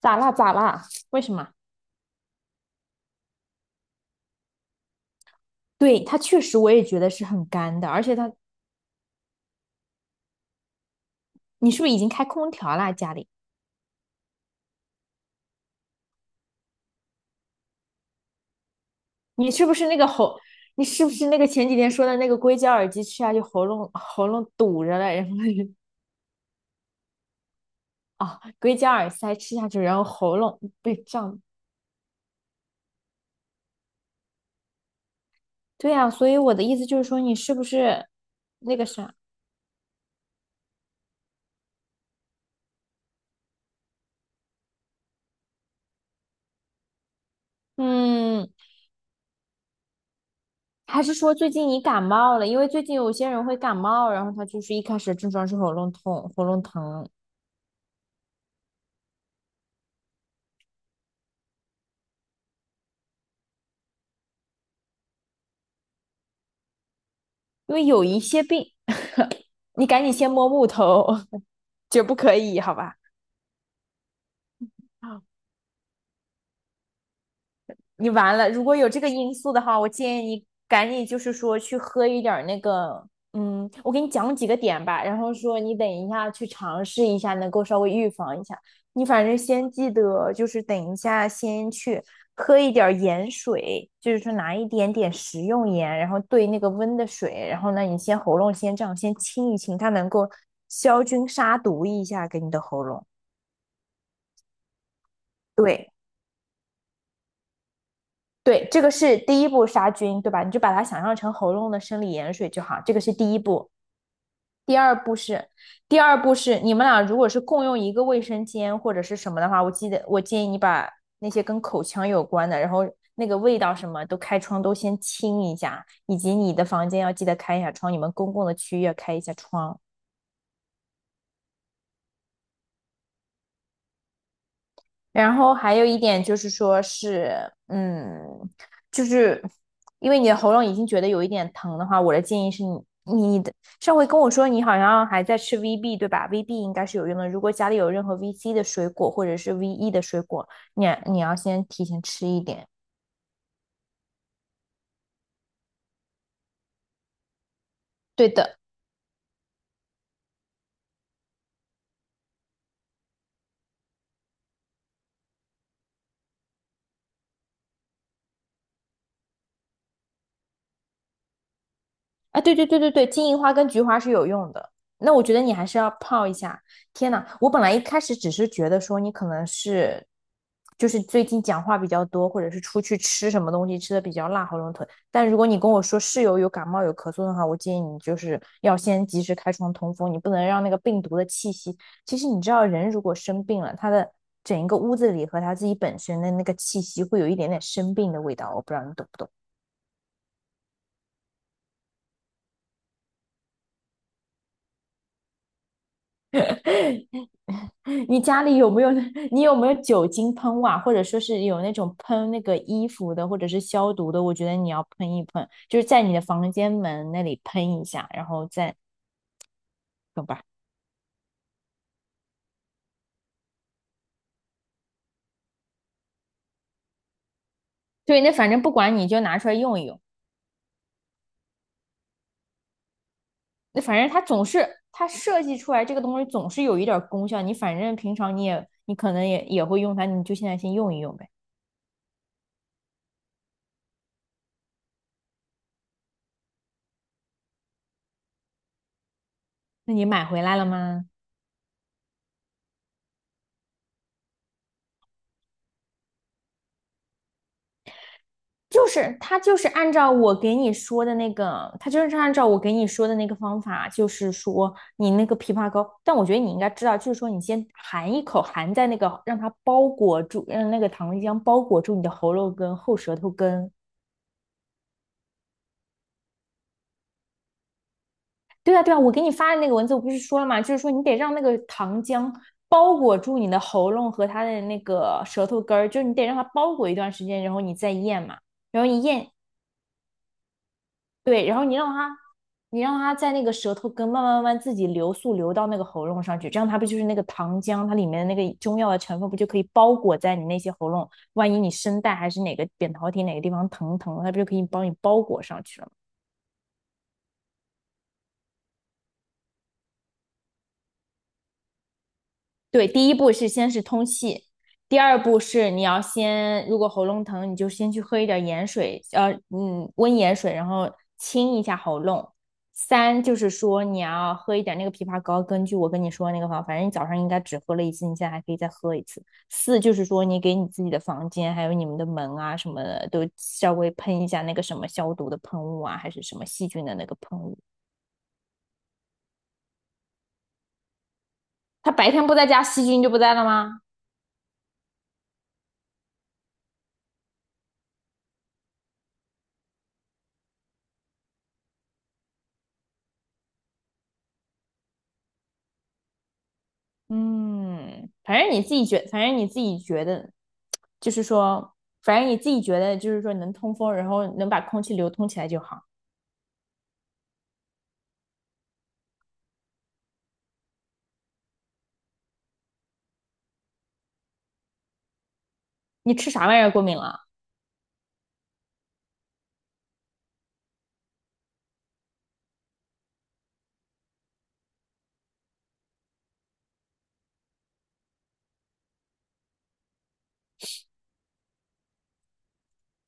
咋啦咋啦？为什么？对，它确实我也觉得是很干的，而且它，你是不是已经开空调啦？家里，你是不是那个喉，你是不是那个前几天说的那个硅胶耳机吃下去喉咙堵着了，然后啊、哦硅胶耳塞吃下去，然后喉咙被胀。对呀、啊所以我的意思就是说，你是不是那个啥？嗯，还是说最近你感冒了？因为最近有些人会感冒，然后他就是一开始症状是喉咙痛、喉咙疼，因为有一些病，你赶紧先摸木头，绝不可以，好吧？你完了，如果有这个因素的话，我建议你赶紧就是说去喝一点儿那个，我给你讲几个点吧，然后说你等一下去尝试一下，能够稍微预防一下。你反正先记得，就是等一下先去喝一点儿盐水，就是说拿一点点食用盐，然后兑那个温的水，然后呢，你先喉咙先这样先清一清，它能够消菌杀毒一下给你的喉咙。对。对，这个是第一步杀菌，对吧？你就把它想象成喉咙的生理盐水就好，这个是第一步。第二步是，第二步是你们俩如果是共用一个卫生间或者是什么的话，我记得我建议你把那些跟口腔有关的，然后那个味道什么都开窗都先清一下，以及你的房间要记得开一下窗，你们公共的区域要开一下窗。然后还有一点就是说是，就是因为你的喉咙已经觉得有一点疼的话，我的建议是你，你的上回跟我说你好像还在吃 VB 对吧？VB 应该是有用的，如果家里有任何 VC 的水果或者是 VE 的水果，你要先提前吃一点。对的。啊，对对对对对，金银花跟菊花是有用的。那我觉得你还是要泡一下。天呐，我本来一开始只是觉得说你可能是，就是最近讲话比较多，或者是出去吃什么东西吃的比较辣，喉咙疼。但如果你跟我说室友有感冒有咳嗽的话，我建议你就是要先及时开窗通风，你不能让那个病毒的气息。其实你知道，人如果生病了，他的整一个屋子里和他自己本身的那个气息会有一点点生病的味道。我不知道你懂不懂。你家里有没有那 你有没有酒精喷雾啊？或者说是有那种喷那个衣服的，或者是消毒的？我觉得你要喷一喷，就是在你的房间门那里喷一下，然后再懂吧？对，那反正不管你就拿出来用一用。那反正它总是它设计出来这个东西总是有一点儿功效。你反正平常你也你可能也会用它，你就现在先用一用呗。那你买回来了吗？就是他就是按照我给你说的那个，他就是按照我给你说的那个方法，就是说你那个枇杷膏，但我觉得你应该知道，就是说你先含一口，含在那个让它包裹住，让那个糖浆包裹住你的喉咙根、后舌头根。对啊，对啊，我给你发的那个文字我不是说了吗？就是说你得让那个糖浆包裹住你的喉咙和它的那个舌头根儿，就是你得让它包裹一段时间，然后你再咽嘛。然后你咽对，然后你让它，你让它在那个舌头根慢慢慢慢自己流速流到那个喉咙上去，这样它不就是那个糖浆，它里面的那个中药的成分不就可以包裹在你那些喉咙？万一你声带还是哪个扁桃体哪个地方疼疼，它不就可以帮你包裹上去了？对，第一步是先是通气，第二步是你要先，如果喉咙疼，你就先去喝一点盐水，温盐水，然后清一下喉咙。三就是说你要喝一点那个枇杷膏，根据我跟你说的那个方法，反正你早上应该只喝了一次，你现在还可以再喝一次。四就是说你给你自己的房间还有你们的门啊什么的都稍微喷一下那个什么消毒的喷雾啊，还是什么细菌的那个喷雾。他白天不在家，细菌就不在了吗？嗯，反正你自己觉，反正你自己觉得，就是说，反正你自己觉得，就是说能通风，然后能把空气流通起来就好。你吃啥玩意儿过敏了？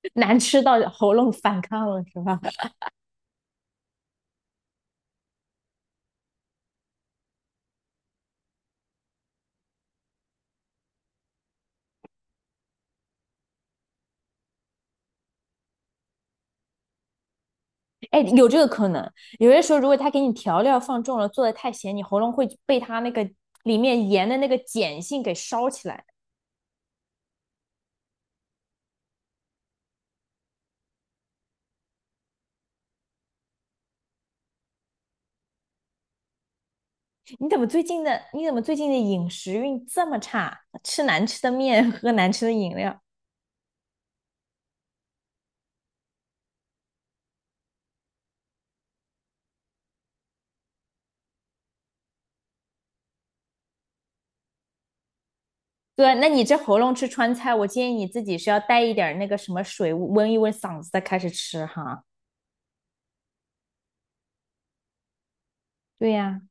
难吃到喉咙反抗了是吧？哎，有这个可能。有些时候，如果他给你调料放重了，做的太咸，你喉咙会被他那个里面盐的那个碱性给烧起来。你怎么最近的，你怎么最近的饮食运这么差？吃难吃的面，喝难吃的饮料。对，那你这喉咙吃川菜，我建议你自己是要带一点儿那个什么水温一温嗓子再开始吃哈。对呀、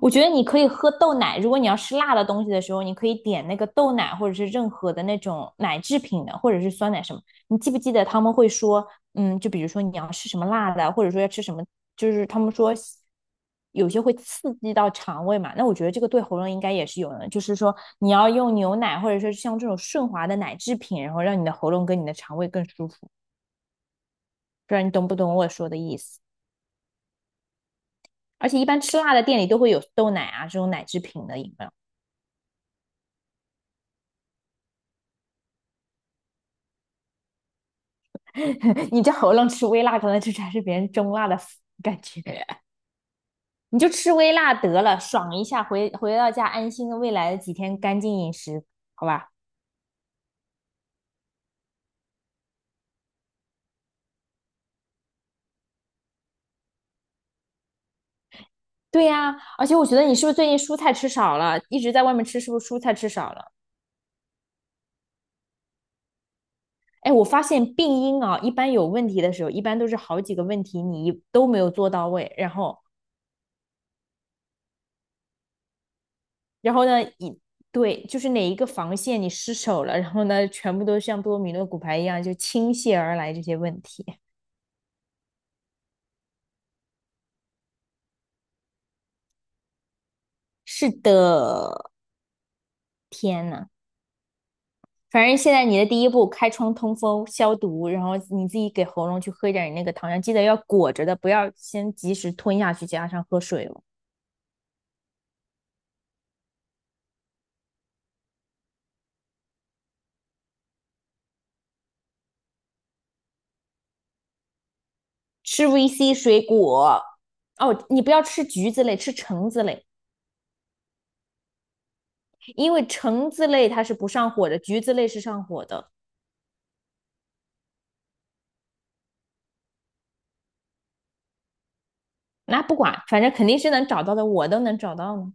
我觉得你可以喝豆奶，如果你要吃辣的东西的时候，你可以点那个豆奶，或者是任何的那种奶制品的，或者是酸奶什么。你记不记得他们会说，就比如说你要吃什么辣的，或者说要吃什么，就是他们说有些会刺激到肠胃嘛。那我觉得这个对喉咙应该也是有的，就是说你要用牛奶，或者说像这种顺滑的奶制品，然后让你的喉咙跟你的肠胃更舒服。不知道你懂不懂我说的意思？而且一般吃辣的店里都会有豆奶啊这种奶制品的饮料。你这喉咙吃微辣，可能就才是别人中辣的感觉。你就吃微辣得了，爽一下，回回到家安心的未来的几天干净饮食，好吧？对呀、而且我觉得你是不是最近蔬菜吃少了，一直在外面吃，是不是蔬菜吃少了？哎，我发现病因啊，一般有问题的时候，一般都是好几个问题你一都没有做到位，然后，然后呢，一对就是哪一个防线你失守了，然后呢，全部都像多米诺骨牌一样就倾泻而来这些问题。是的，天呐，反正现在你的第一步，开窗通风消毒，然后你自己给喉咙去喝一点你那个糖浆，记得要裹着的，不要先及时吞下去，加上喝水了。吃 VC 水果，哦，你不要吃橘子类，吃橙子类，因为橙子类它是不上火的，橘子类是上火的。那不管，反正肯定是能找到的，我都能找到呢。